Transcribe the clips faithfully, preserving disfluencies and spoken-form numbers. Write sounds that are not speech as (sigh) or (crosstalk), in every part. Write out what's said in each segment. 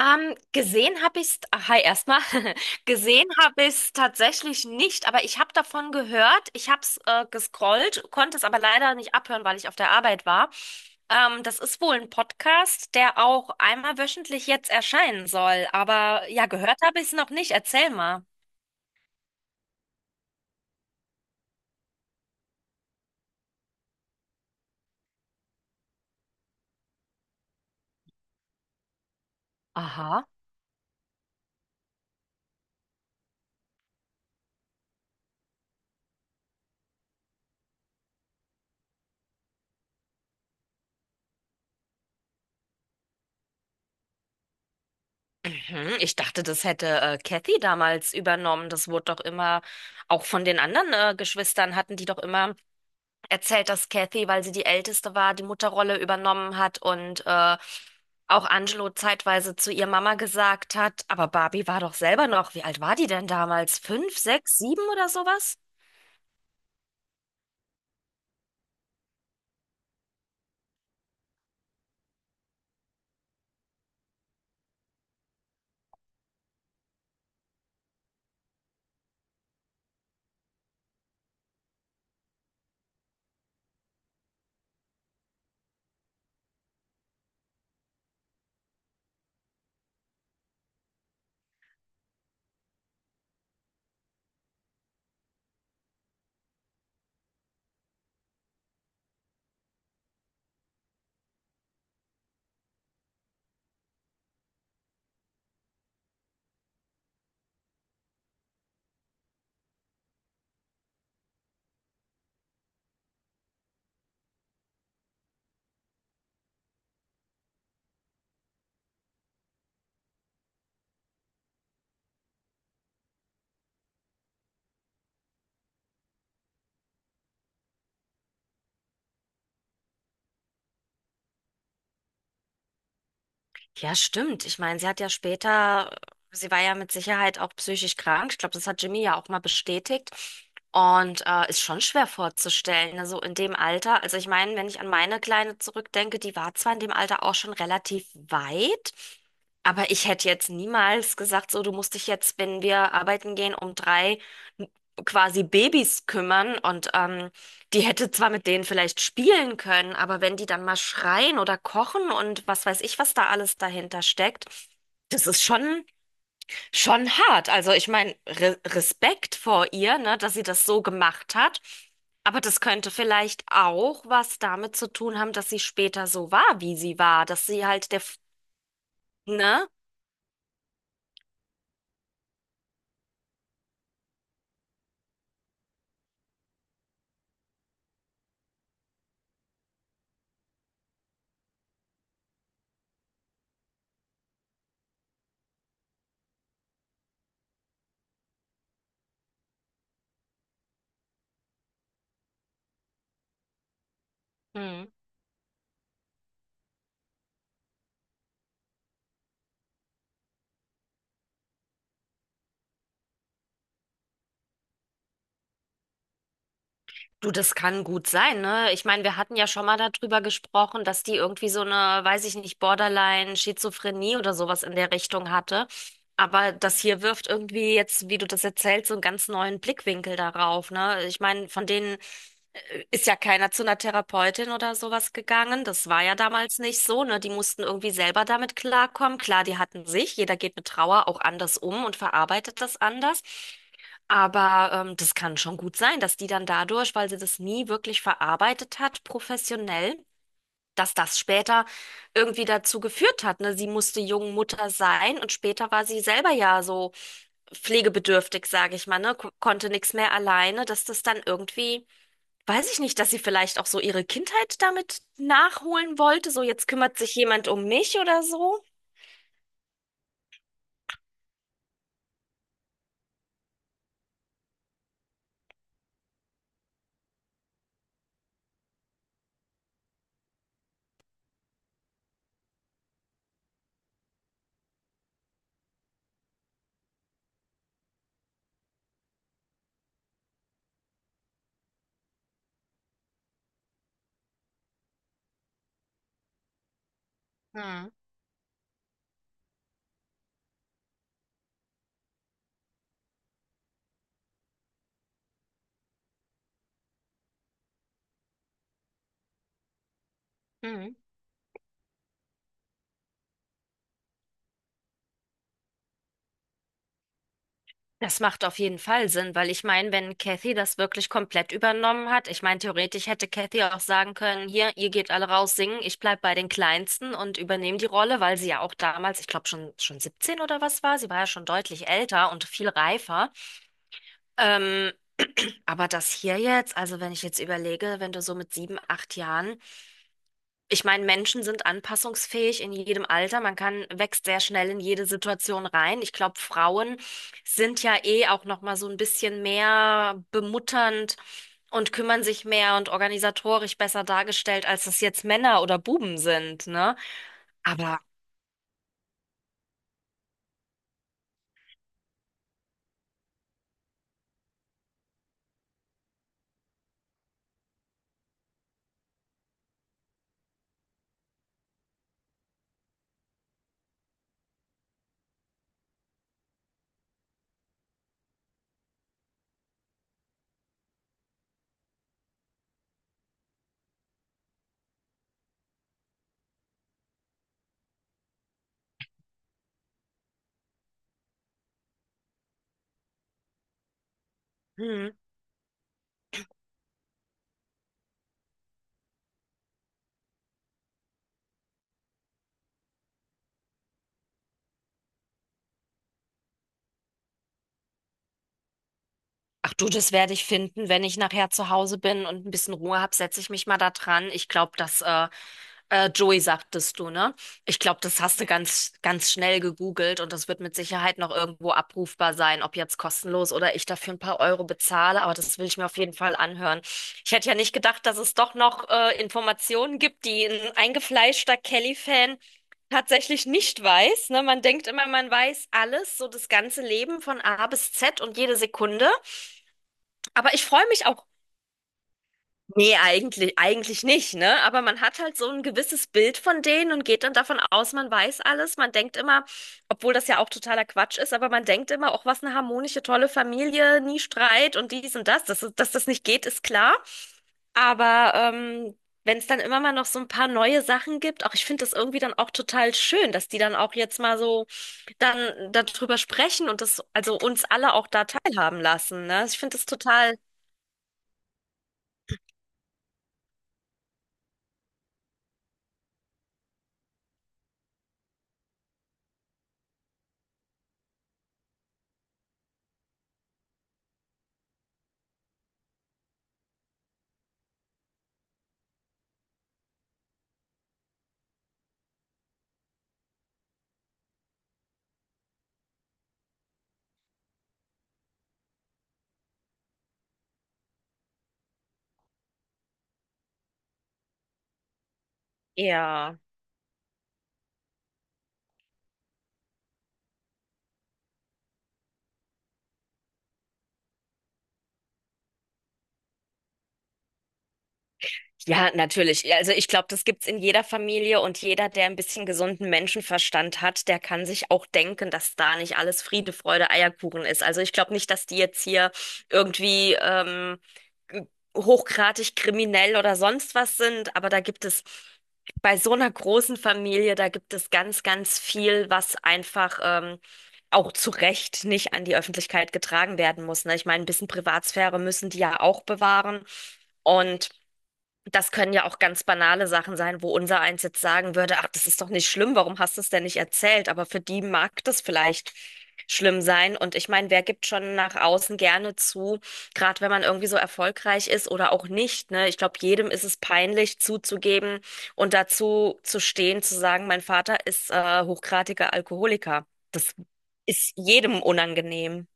Ähm, gesehen habe ich's, ah, hi erstmal, (laughs) gesehen habe ich's tatsächlich nicht, aber ich habe davon gehört, ich habe es äh, gescrollt, konnte es aber leider nicht abhören, weil ich auf der Arbeit war. Ähm, das ist wohl ein Podcast, der auch einmal wöchentlich jetzt erscheinen soll, aber ja, gehört habe ich es noch nicht, erzähl mal. Aha. Mhm, ich dachte, das hätte äh, Kathy damals übernommen, das wurde doch immer, auch von den anderen äh, Geschwistern hatten die doch immer erzählt, dass Kathy, weil sie die Älteste war, die Mutterrolle übernommen hat und äh, auch Angelo zeitweise zu ihr Mama gesagt hat, aber Barbie war doch selber noch, wie alt war die denn damals? Fünf, sechs, sieben oder sowas? Ja, stimmt. Ich meine, sie hat ja später, sie war ja mit Sicherheit auch psychisch krank. Ich glaube, das hat Jimmy ja auch mal bestätigt. Und äh, ist schon schwer vorzustellen, ne? So in dem Alter. Also ich meine, wenn ich an meine Kleine zurückdenke, die war zwar in dem Alter auch schon relativ weit, aber ich hätte jetzt niemals gesagt, so, du musst dich jetzt, wenn wir arbeiten gehen, um drei quasi Babys kümmern. Und ähm, die hätte zwar mit denen vielleicht spielen können, aber wenn die dann mal schreien oder kochen und was weiß ich, was da alles dahinter steckt, das ist schon, schon hart. Also ich meine, Re Respekt vor ihr, ne, dass sie das so gemacht hat. Aber das könnte vielleicht auch was damit zu tun haben, dass sie später so war, wie sie war, dass sie halt der, F- ne? Du, das kann gut sein, ne? Ich meine, wir hatten ja schon mal darüber gesprochen, dass die irgendwie so eine, weiß ich nicht, Borderline, Schizophrenie oder sowas in der Richtung hatte. Aber das hier wirft irgendwie jetzt, wie du das erzählst, so einen ganz neuen Blickwinkel darauf, ne? Ich meine, von denen ist ja keiner zu einer Therapeutin oder sowas gegangen. Das war ja damals nicht so, ne? Die mussten irgendwie selber damit klarkommen. Klar, die hatten sich, jeder geht mit Trauer auch anders um und verarbeitet das anders. Aber ähm, das kann schon gut sein, dass die dann dadurch, weil sie das nie wirklich verarbeitet hat, professionell, dass das später irgendwie dazu geführt hat. Ne? Sie musste jung Mutter sein und später war sie selber ja so pflegebedürftig, sage ich mal, ne? Ko- Konnte nichts mehr alleine, dass das dann irgendwie, weiß ich nicht, dass sie vielleicht auch so ihre Kindheit damit nachholen wollte. So, jetzt kümmert sich jemand um mich oder so. Das macht auf jeden Fall Sinn, weil ich meine, wenn Kathy das wirklich komplett übernommen hat, ich meine, theoretisch hätte Kathy auch sagen können, hier, ihr geht alle raus singen, ich bleib bei den Kleinsten und übernehme die Rolle, weil sie ja auch damals, ich glaube schon schon siebzehn oder was war, sie war ja schon deutlich älter und viel reifer. Ähm, aber das hier jetzt, also wenn ich jetzt überlege, wenn du so mit sieben, acht Jahren ich meine, Menschen sind anpassungsfähig in jedem Alter. Man kann, wächst sehr schnell in jede Situation rein. Ich glaube, Frauen sind ja eh auch noch mal so ein bisschen mehr bemutternd und kümmern sich mehr und organisatorisch besser dargestellt, als es jetzt Männer oder Buben sind, ne? Aber hm, ach du, das werde ich finden, wenn ich nachher zu Hause bin und ein bisschen Ruhe habe, setze ich mich mal da dran. Ich glaube, dass äh, äh, Joey sagtest du, ne? Ich glaube, das hast du ganz, ganz schnell gegoogelt und das wird mit Sicherheit noch irgendwo abrufbar sein, ob jetzt kostenlos oder ich dafür ein paar Euro bezahle, aber das will ich mir auf jeden Fall anhören. Ich hätte ja nicht gedacht, dass es doch noch äh, Informationen gibt, die ein eingefleischter Kelly-Fan tatsächlich nicht weiß, ne? Man denkt immer, man weiß alles, so das ganze Leben von A bis Z und jede Sekunde. Aber ich freue mich auch. Nee, eigentlich, eigentlich nicht, ne? Aber man hat halt so ein gewisses Bild von denen und geht dann davon aus, man weiß alles. Man denkt immer, obwohl das ja auch totaler Quatsch ist, aber man denkt immer, auch was eine harmonische, tolle Familie, nie Streit und dies und das. Dass, dass das nicht geht, ist klar. Aber ähm, wenn es dann immer mal noch so ein paar neue Sachen gibt, auch ich finde das irgendwie dann auch total schön, dass die dann auch jetzt mal so dann darüber sprechen und das, also uns alle auch da teilhaben lassen, ne? Ich finde das total, ja. Ja, natürlich. Ja, also ich glaube, das gibt's in jeder Familie und jeder, der ein bisschen gesunden Menschenverstand hat, der kann sich auch denken, dass da nicht alles Friede, Freude, Eierkuchen ist. Also ich glaube nicht, dass die jetzt hier irgendwie ähm, g- hochgradig kriminell oder sonst was sind, aber da gibt es bei so einer großen Familie, da gibt es ganz, ganz viel, was einfach ähm, auch zu Recht nicht an die Öffentlichkeit getragen werden muss. Ne? Ich meine, ein bisschen Privatsphäre müssen die ja auch bewahren. Und das können ja auch ganz banale Sachen sein, wo unser eins jetzt sagen würde, ach, das ist doch nicht schlimm, warum hast du es denn nicht erzählt? Aber für die mag das vielleicht schlimm sein. Und ich meine, wer gibt schon nach außen gerne zu, gerade wenn man irgendwie so erfolgreich ist oder auch nicht, ne? Ich glaube, jedem ist es peinlich zuzugeben und dazu zu stehen, zu sagen, mein Vater ist äh, hochgradiger Alkoholiker. Das ist jedem unangenehm.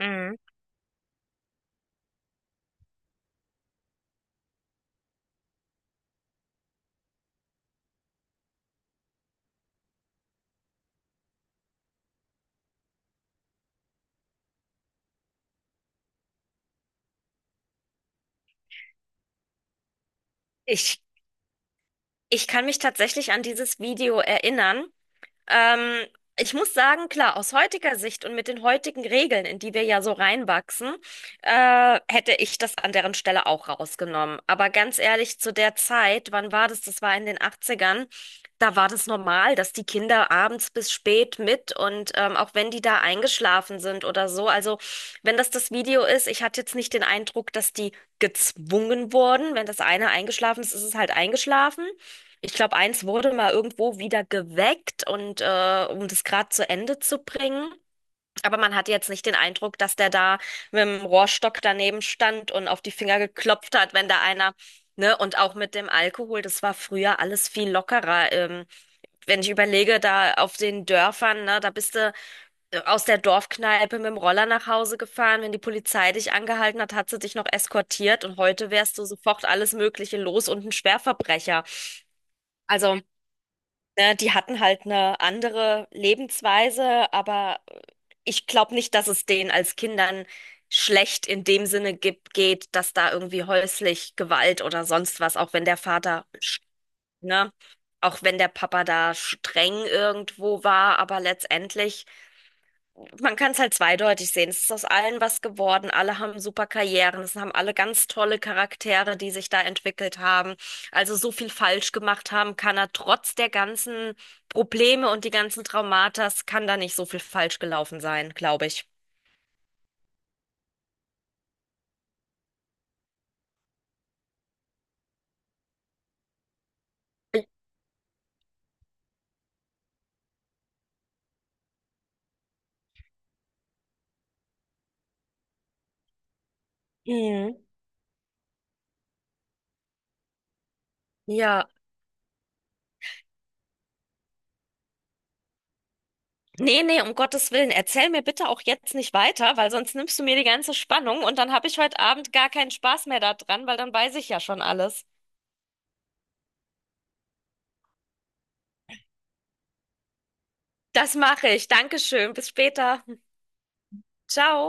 Mhm. Ich, Ich kann mich tatsächlich an dieses Video erinnern. Ähm, Ich muss sagen, klar, aus heutiger Sicht und mit den heutigen Regeln, in die wir ja so reinwachsen, äh, hätte ich das an deren Stelle auch rausgenommen. Aber ganz ehrlich, zu der Zeit, wann war das? Das war in den Achtzigern. Da war das normal, dass die Kinder abends bis spät mit und ähm, auch wenn die da eingeschlafen sind oder so. Also wenn das das Video ist, ich hatte jetzt nicht den Eindruck, dass die gezwungen wurden. Wenn das eine eingeschlafen ist, ist es halt eingeschlafen. Ich glaube, eins wurde mal irgendwo wieder geweckt und äh, um das gerade zu Ende zu bringen. Aber man hatte jetzt nicht den Eindruck, dass der da mit dem Rohrstock daneben stand und auf die Finger geklopft hat, wenn da einer, ne, und auch mit dem Alkohol, das war früher alles viel lockerer. Ähm, wenn ich überlege, da auf den Dörfern, ne, da bist du äh, aus der Dorfkneipe mit dem Roller nach Hause gefahren. Wenn die Polizei dich angehalten hat, hat sie dich noch eskortiert und heute wärst du sofort alles Mögliche los und ein Schwerverbrecher. Also ne, die hatten halt eine andere Lebensweise, aber ich glaube nicht, dass es denen als Kindern schlecht in dem Sinne gibt, geht, dass da irgendwie häuslich Gewalt oder sonst was, auch wenn der Vater, sch- ne, auch wenn der Papa da streng irgendwo war, aber letztendlich man kann es halt zweideutig sehen. Es ist aus allen was geworden. Alle haben super Karrieren. Es haben alle ganz tolle Charaktere, die sich da entwickelt haben. Also so viel falsch gemacht haben kann er trotz der ganzen Probleme und die ganzen Traumatas, kann da nicht so viel falsch gelaufen sein, glaube ich. Mhm. Ja. Nee, nee, um Gottes Willen, erzähl mir bitte auch jetzt nicht weiter, weil sonst nimmst du mir die ganze Spannung und dann habe ich heute Abend gar keinen Spaß mehr daran, weil dann weiß ich ja schon alles. Das mache ich. Dankeschön. Bis später. Ciao.